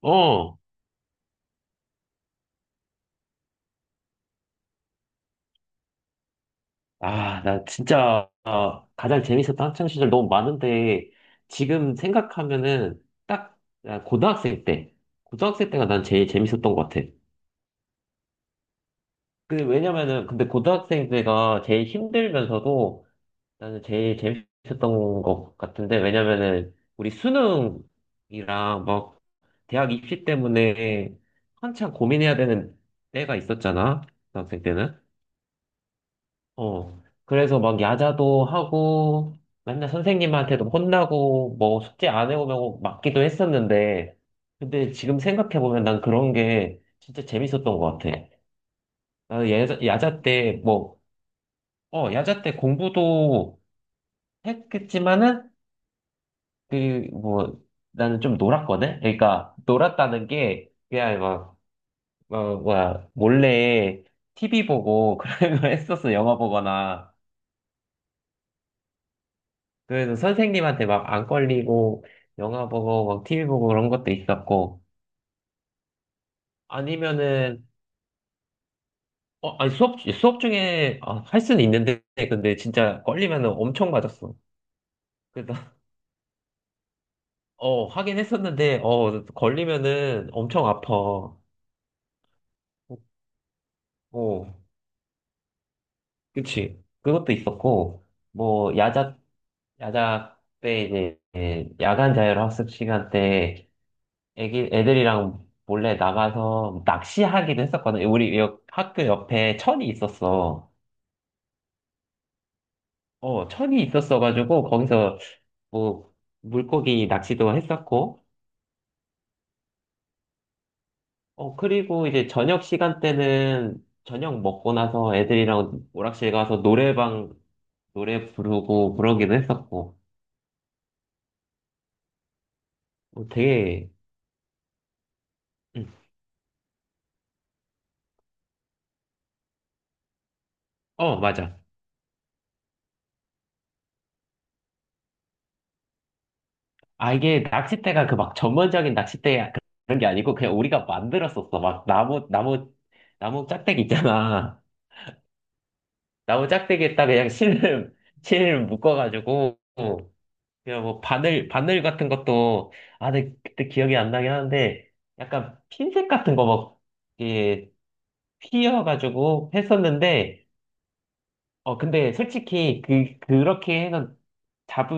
어, 아, 나 진짜 가장 재밌었던 학창 시절 너무 많은데 지금 생각하면은 딱 아, 고등학생 때가 난 제일 재밌었던 것 같아. 그 왜냐면은 근데 고등학생 때가 제일 힘들면서도 나는 제일 재밌었던 것 같은데 왜냐면은 우리 수능이랑 막 대학 입시 때문에 한참 고민해야 되는 때가 있었잖아, 고등학생 때는. 어. 그래서 막 야자도 하고, 맨날 선생님한테도 혼나고, 뭐 숙제 안 해오면 맞기도 했었는데, 근데 지금 생각해보면 난 그런 게 진짜 재밌었던 것 같아. 나는 야자 때 뭐, 야자 때 공부도 했겠지만은, 그, 뭐, 나는 좀 놀았거든? 그러니까, 놀았다는 게, 그냥 막, 뭐야, 몰래 TV 보고 그런 거 했었어, 영화 보거나. 그래서 선생님한테 막 안 걸리고 영화 보고 막 TV 보고 그런 것도 있었고 아니면은 아니 수업 중에 아, 할 수는 있는데 근데 진짜 걸리면은 엄청 맞았어. 그래서 하긴 했었는데 걸리면은 엄청 아파. 어 그치 그것도 있었고 뭐 야자 때 이제 야간 자율학습 시간 때 애들이랑 몰래 나가서 낚시하기도 했었거든. 우리 학교 옆에 천이 있었어. 천이 있었어가지고, 거기서 뭐, 물고기 낚시도 했었고, 그리고 이제 저녁 시간 때는 저녁 먹고 나서 애들이랑 오락실 가서 노래방 노래 부르고 그러기도 했었고, 되게, 음, 맞아. 아, 이게 낚싯대가 그 막 전문적인 낚싯대 그런 게 아니고, 그냥 우리가 만들었었어. 막 나무 짝대기 있잖아. 나무 짝대기에다 그냥 실을, 실을 묶어가지고, 그냥 뭐 바늘 같은 것도, 아, 근데 그때 기억이 안 나긴 하는데, 약간 핀셋 같은 거 막, 이게 휘어가지고 했었는데, 근데 솔직히 그렇게 해서 잡,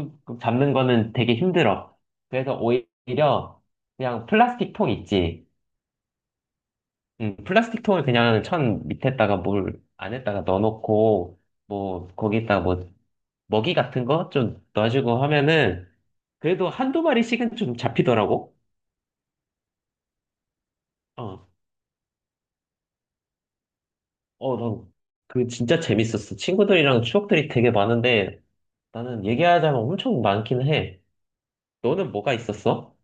잡는 거는 되게 힘들어. 그래서 오히려 그냥 플라스틱 통 있지. 플라스틱 통을 그냥 천 밑에다가 뭘 안에다가 넣어놓고, 뭐, 거기다 뭐, 먹이 같은 거 좀 넣어주고 하면은 그래도 한두 마리씩은 좀 잡히더라고. 어, 난그 진짜 재밌었어. 친구들이랑 추억들이 되게 많은데 나는 얘기하자면 엄청 많긴 해. 너는 뭐가 있었어?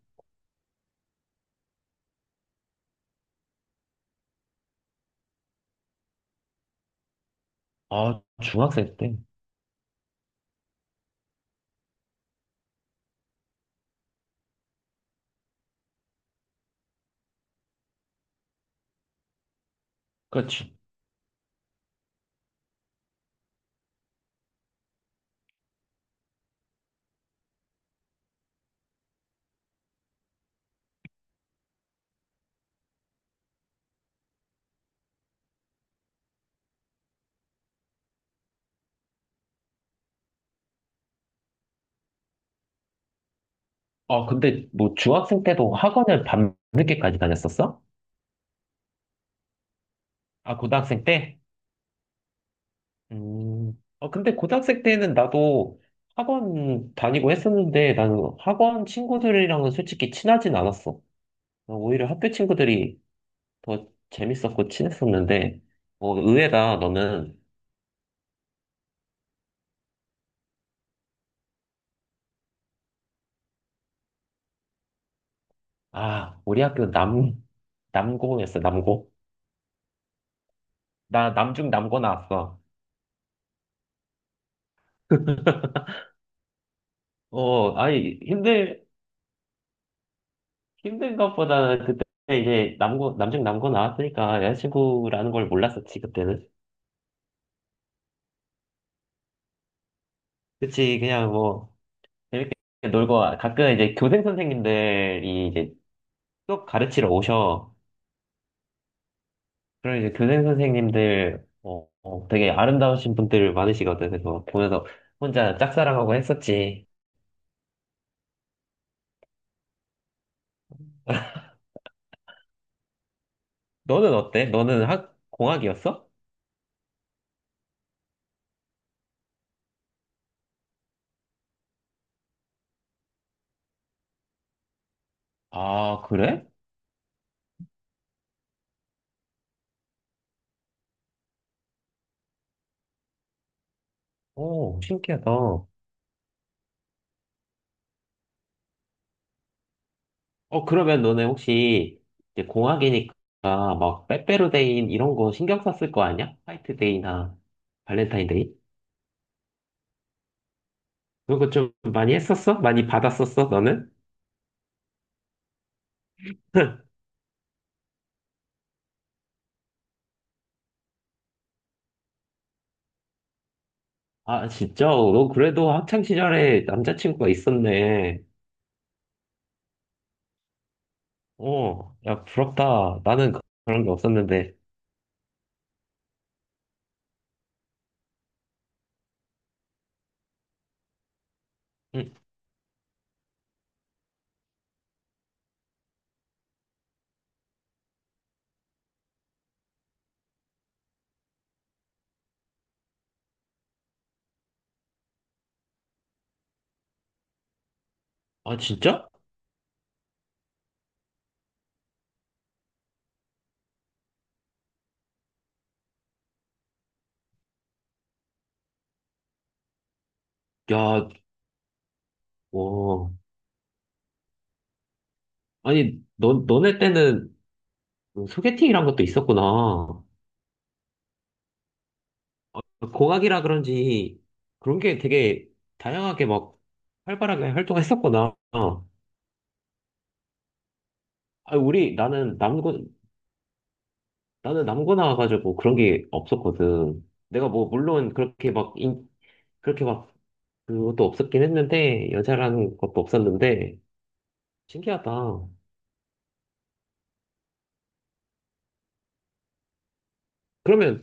아, 중학생 때. 그렇지. 아, 근데 뭐 중학생 때도 학원을 밤늦게까지 다녔었어? 아, 고등학생 때? 음. 아, 근데 고등학생 때는 나도 학원 다니고 했었는데 나는 학원 친구들이랑은 솔직히 친하진 않았어. 오히려 학교 친구들이 더 재밌었고 친했었는데, 뭐, 의외다, 너는, 아, 우리 학교 남고였어, 남고. 나, 남중 남고 나왔어. 어, 아니, 힘든 것보다는 그때 이제 남중 남고 나왔으니까 여자친구라는 걸 몰랐었지, 그때는. 그치, 그냥 뭐, 재밌게 놀고, 가끔 이제 교생 선생님들이 이제 수업 가르치러 오셔. 그럼 이제 교생 선생님들 되게 아름다우신 분들 많으시거든. 그래서 보면서 혼자 짝사랑하고 했었지. 너는 어때? 너는 학 공학이었어? 아, 그래? 오, 신기하다. 그러면 너네 혹시 이제 공학이니까 막 빼빼로데이 이런 거 신경 썼을 거 아니야? 화이트데이나 발렌타인데이? 그런 거 좀 많이 했었어? 많이 받았었어, 너는? 아, 진짜? 너 그래도 학창 시절에 남자친구가 있었네. 야, 부럽다. 나는 그런 게 없었는데. 응. 아, 진짜? 야, 어. 아니, 너네 때는 그 소개팅이란 것도 있었구나. 공학이라 그런지 그런 게 되게 다양하게 막 활발하게 활동했었구나. 어. 아, 나는 남고 나와가지고 그런 게 없었거든. 내가 뭐, 물론 그렇게 막, 그것도 없었긴 했는데, 여자라는 것도 없었는데, 신기하다. 그러면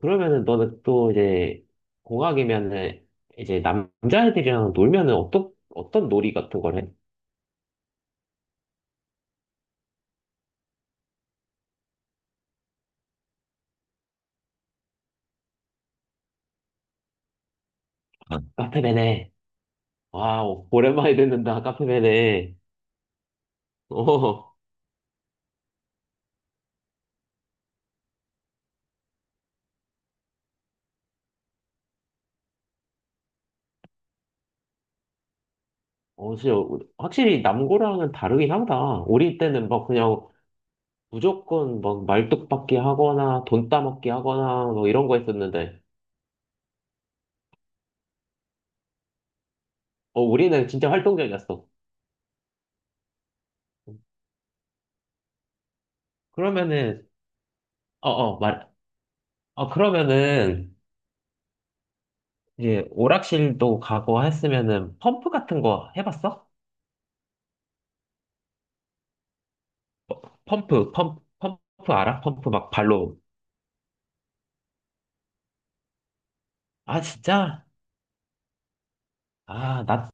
그러면은 너는 또 이제 공학이면은 이제 남자애들이랑 놀면은 어떤 어떤 놀이 같은 걸 해? 아, 카페베네. 와, 오랜만에 듣는다. 카페베네. 어, 진짜 확실히 남고랑은 다르긴 하다. 우리 때는 막 그냥 무조건 막 말뚝박기 하거나 돈 따먹기 하거나 뭐 이런 거 했었는데, 우리는 진짜 활동적이었어. 그러면은, 어, 어, 말, 어, 그러면은 이제 오락실도 가고 했으면은 펌프 같은 거 해봤어? 펌프 알아? 펌프 막 발로. 아, 진짜? 아, 나,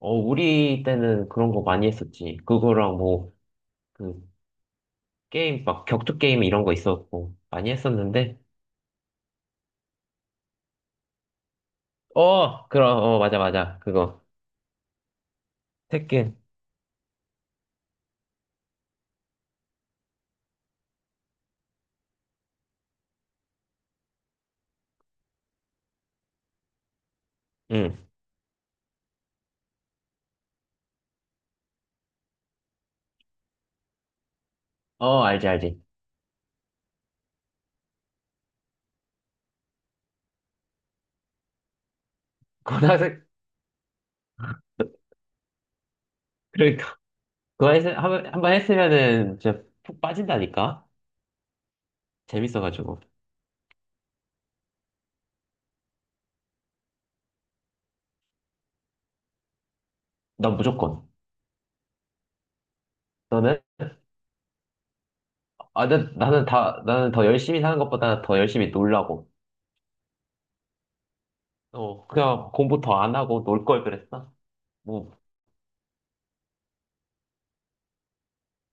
어, 우리 때는 그런 거 많이 했었지. 그거랑 뭐, 그, 막 격투 게임 이런 거 있었고, 많이 했었는데. 그럼, 맞아, 맞아. 그거. 테kken. 응. 알지, 알지. 고등학생, 그러니까. 그거 한번 했으면은 진짜 푹 빠진다니까? 재밌어가지고. 난 무조건. 너는? 아, 나는 더 열심히 사는 것보다 더 열심히 놀라고. 그냥 공부 더 안 하고 놀 걸 그랬어. 뭐,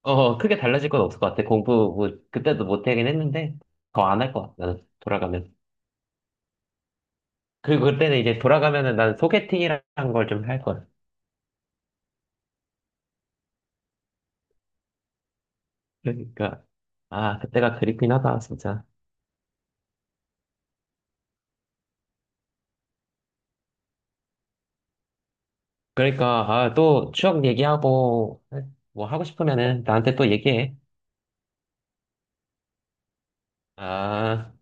크게 달라질 건 없을 것 같아. 공부, 뭐, 그때도 못 하긴 했는데, 더 안 할 것 같아. 나는 돌아가면. 그리고 그때는 이제 돌아가면은 난 소개팅이라는 걸 좀 할 걸. 그러니까, 아, 그때가 그립긴 하다, 진짜. 그러니까, 아, 또 추억 얘기하고, 뭐 하고 싶으면은 나한테 또 얘기해. 아.